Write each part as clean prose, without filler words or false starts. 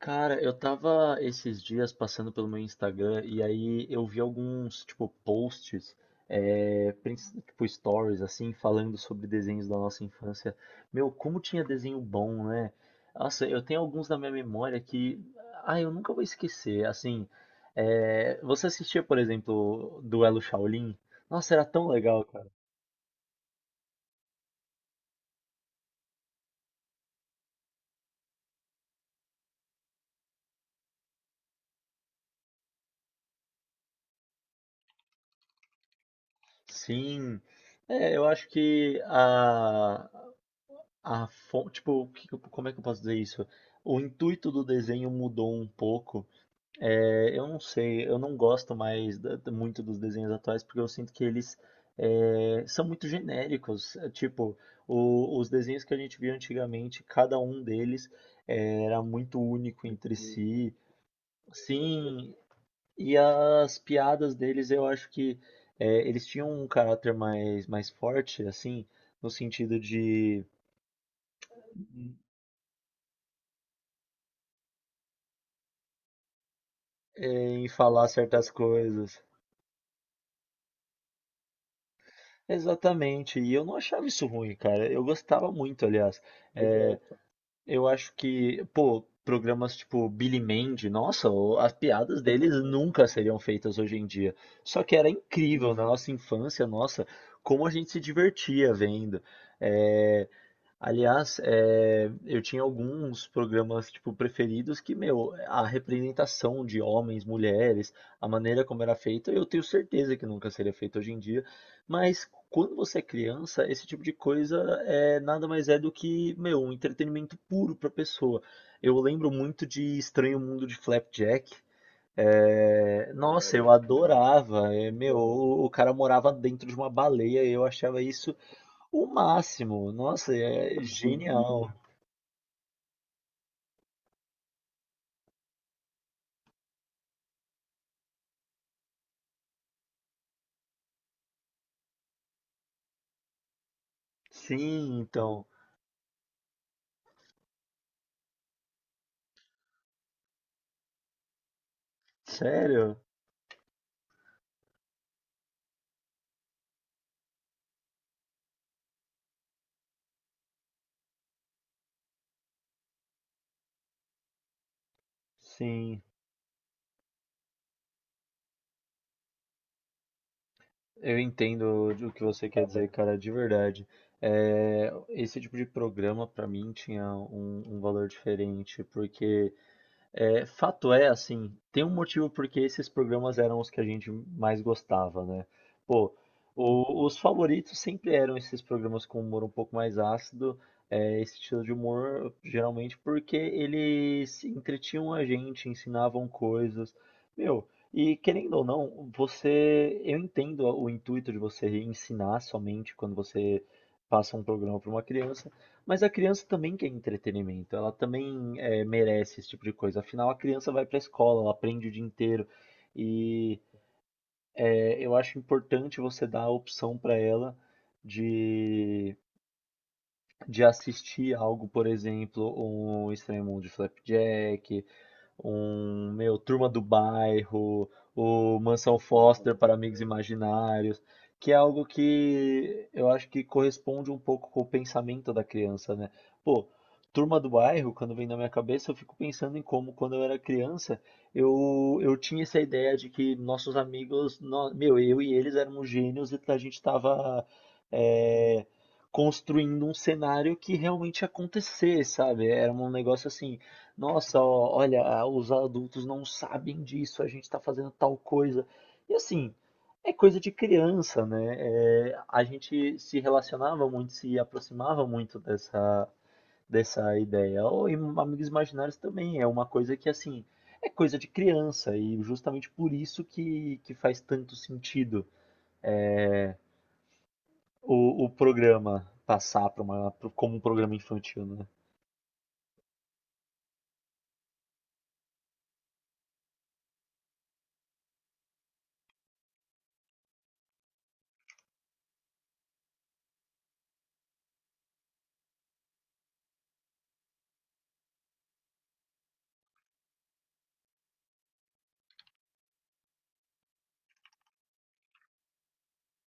Cara, eu tava esses dias passando pelo meu Instagram e aí eu vi alguns, tipo, posts, stories, assim, falando sobre desenhos da nossa infância. Meu, como tinha desenho bom, né? Nossa, eu tenho alguns na minha memória que, ah, eu nunca vou esquecer. Assim, você assistia, por exemplo, Duelo Shaolin? Nossa, era tão legal, cara. Sim, eu acho que o que que como é que eu posso dizer isso? O intuito do desenho mudou um pouco. É, eu não sei, eu não gosto mais muito dos desenhos atuais porque eu sinto que eles são muito genéricos. É, tipo, os desenhos que a gente via antigamente, cada um deles, era muito único entre si. Sim, e as piadas deles eu acho que, eles tinham um caráter mais, mais forte, assim, no sentido de, em falar certas coisas. Exatamente, e eu não achava isso ruim, cara. Eu gostava muito, aliás. É, eu acho que, pô, programas tipo Billy Mandy, nossa, as piadas deles nunca seriam feitas hoje em dia. Só que era incrível na nossa infância, nossa, como a gente se divertia vendo. É, aliás, eu tinha alguns programas tipo preferidos que, meu, a representação de homens, mulheres, a maneira como era feita, eu tenho certeza que nunca seria feita hoje em dia. Mas quando você é criança, esse tipo de coisa nada mais é do que, meu, um entretenimento puro para a pessoa. Eu lembro muito de Estranho Mundo de Flapjack. É, nossa, eu adorava. É, meu, o cara morava dentro de uma baleia e eu achava isso o máximo. Nossa, é genial. Sim, então. Sério? Sim. Eu entendo o que você quer dizer, cara, de verdade. É, esse tipo de programa, pra mim, tinha um, um valor diferente, porque, é, fato é, assim, tem um motivo porque esses programas eram os que a gente mais gostava, né? Pô, os favoritos sempre eram esses programas com humor um pouco mais ácido, esse estilo de humor, geralmente, porque eles entretinham a gente, ensinavam coisas. Meu, e querendo ou não, eu entendo o intuito de você ensinar somente quando você passa um programa para uma criança, mas a criança também quer entretenimento, ela também, merece esse tipo de coisa. Afinal, a criança vai para a escola, ela aprende o dia inteiro. E, eu acho importante você dar a opção para ela de, de assistir algo, por exemplo, um Estranho Mundo de Flapjack, um, meu, Turma do Bairro, o Mansão Foster para Amigos Imaginários, que é algo que eu acho que corresponde um pouco com o pensamento da criança, né? Pô, Turma do Bairro, quando vem na minha cabeça, eu fico pensando em como, quando eu era criança, eu tinha essa ideia de que nossos amigos, meu, eu e eles éramos gênios e a gente estava construindo um cenário que realmente ia acontecer, sabe? Era um negócio assim, nossa, olha, ah, os adultos não sabem disso, a gente está fazendo tal coisa. E assim, é coisa de criança, né? É, a gente se relacionava muito, se aproximava muito dessa, dessa ideia. Ou em Amigos Imaginários também, é uma coisa que, assim, é coisa de criança, e justamente por isso que faz tanto sentido, é, o programa passar pra uma, como um programa infantil, né?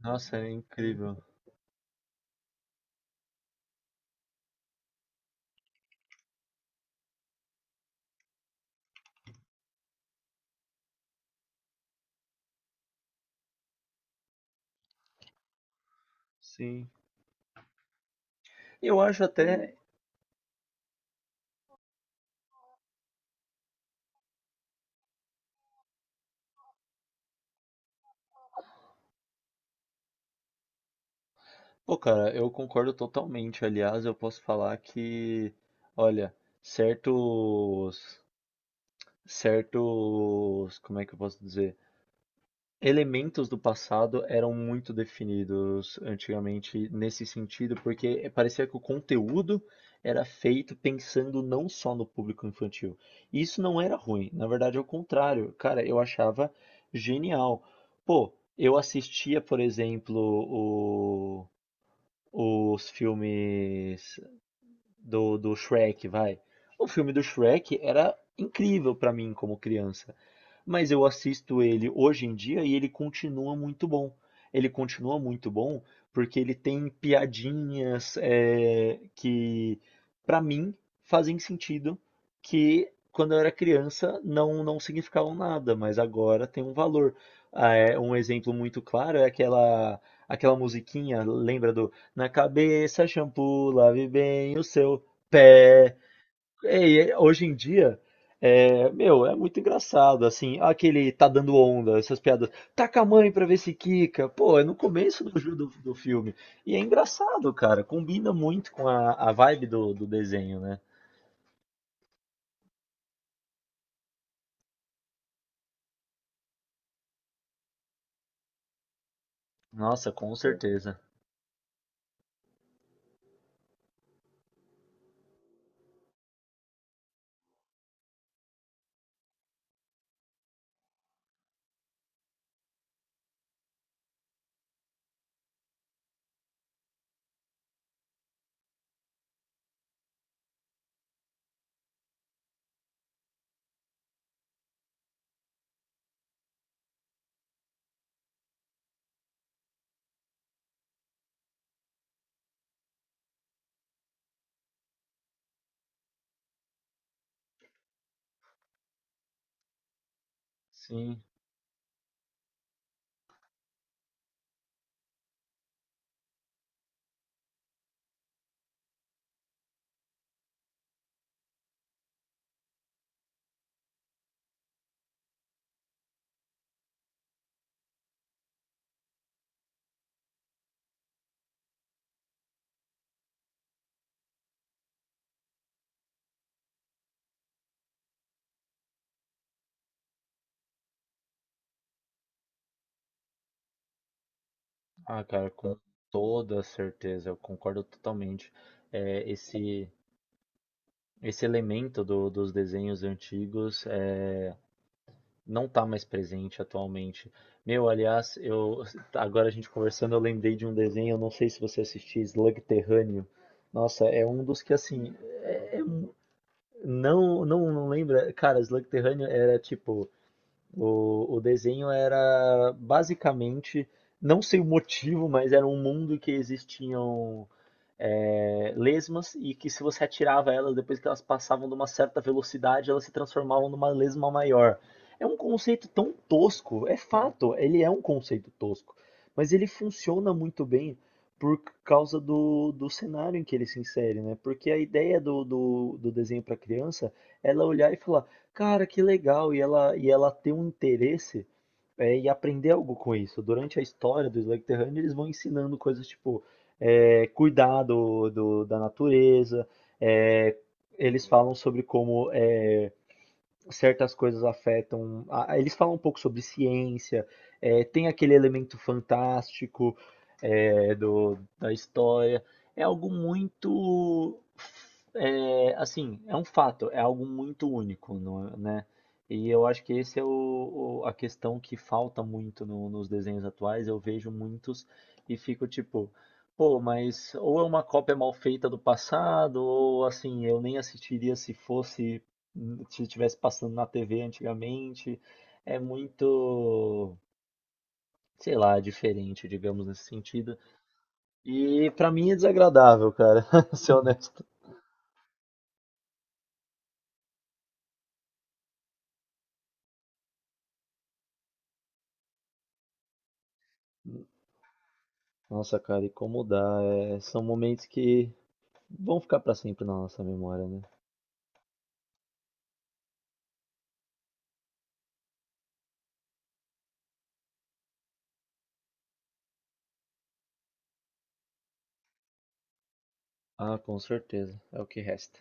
Nossa, é incrível. Sim. Eu acho até, pô, cara, eu concordo totalmente. Aliás, eu posso falar que, olha, certos, certos, como é que eu posso dizer? Elementos do passado eram muito definidos antigamente nesse sentido, porque parecia que o conteúdo era feito pensando não só no público infantil. E isso não era ruim, na verdade, é o contrário. Cara, eu achava genial. Pô, eu assistia, por exemplo, os filmes do Shrek, vai. O filme do Shrek era incrível pra mim como criança, mas eu assisto ele hoje em dia e ele continua muito bom. Ele continua muito bom porque ele tem piadinhas, que, pra mim, fazem sentido, que quando eu era criança não significavam nada, mas agora tem um valor. Ah, é, um exemplo muito claro é aquela musiquinha, lembra do na cabeça, shampoo, lave bem o seu pé. Ei, hoje em dia, é, meu, é muito engraçado, assim, aquele tá dando onda, essas piadas. Taca a mãe pra ver se quica. Pô, é no começo do, do filme. E é engraçado, cara, combina muito com a vibe do desenho, né? Nossa, com certeza. Sim. Ah, cara, com toda certeza, eu concordo totalmente. É, esse elemento dos desenhos antigos é não tá mais presente atualmente. Meu, aliás, eu agora a gente conversando, eu lembrei de um desenho, eu não sei se você assistiu, Slug Terrâneo. Nossa, é um dos que assim, é- é um- não, não, não lembra. Cara, Slug Terrâneo era tipo, o desenho era basicamente, não sei o motivo, mas era um mundo que existiam, lesmas e que se você atirava elas depois que elas passavam de uma certa velocidade, elas se transformavam numa lesma maior. É um conceito tão tosco, é fato, ele é um conceito tosco, mas ele funciona muito bem por causa do cenário em que ele se insere, né? Porque a ideia do desenho para criança é ela olhar e falar, cara, que legal, e e ela ter um interesse, e aprender algo com isso. Durante a história do Slug Terrâneo, eles vão ensinando coisas tipo, é, cuidar da natureza. É, eles falam sobre como é, certas coisas afetam. Eles falam um pouco sobre ciência, é, tem aquele elemento fantástico, é, da história. É algo muito, é, assim, é um fato, é algo muito único, não é- né? E eu acho que esse é a questão que falta muito nos desenhos atuais. Eu vejo muitos e fico tipo, pô, mas ou é uma cópia mal feita do passado, ou assim, eu nem assistiria se estivesse passando na TV antigamente. É muito, sei lá, diferente, digamos, nesse sentido. E pra mim é desagradável, cara, ser honesto. Nossa, cara, e como dá? É, são momentos que vão ficar pra sempre na nossa memória, né? Ah, com certeza. É o que resta.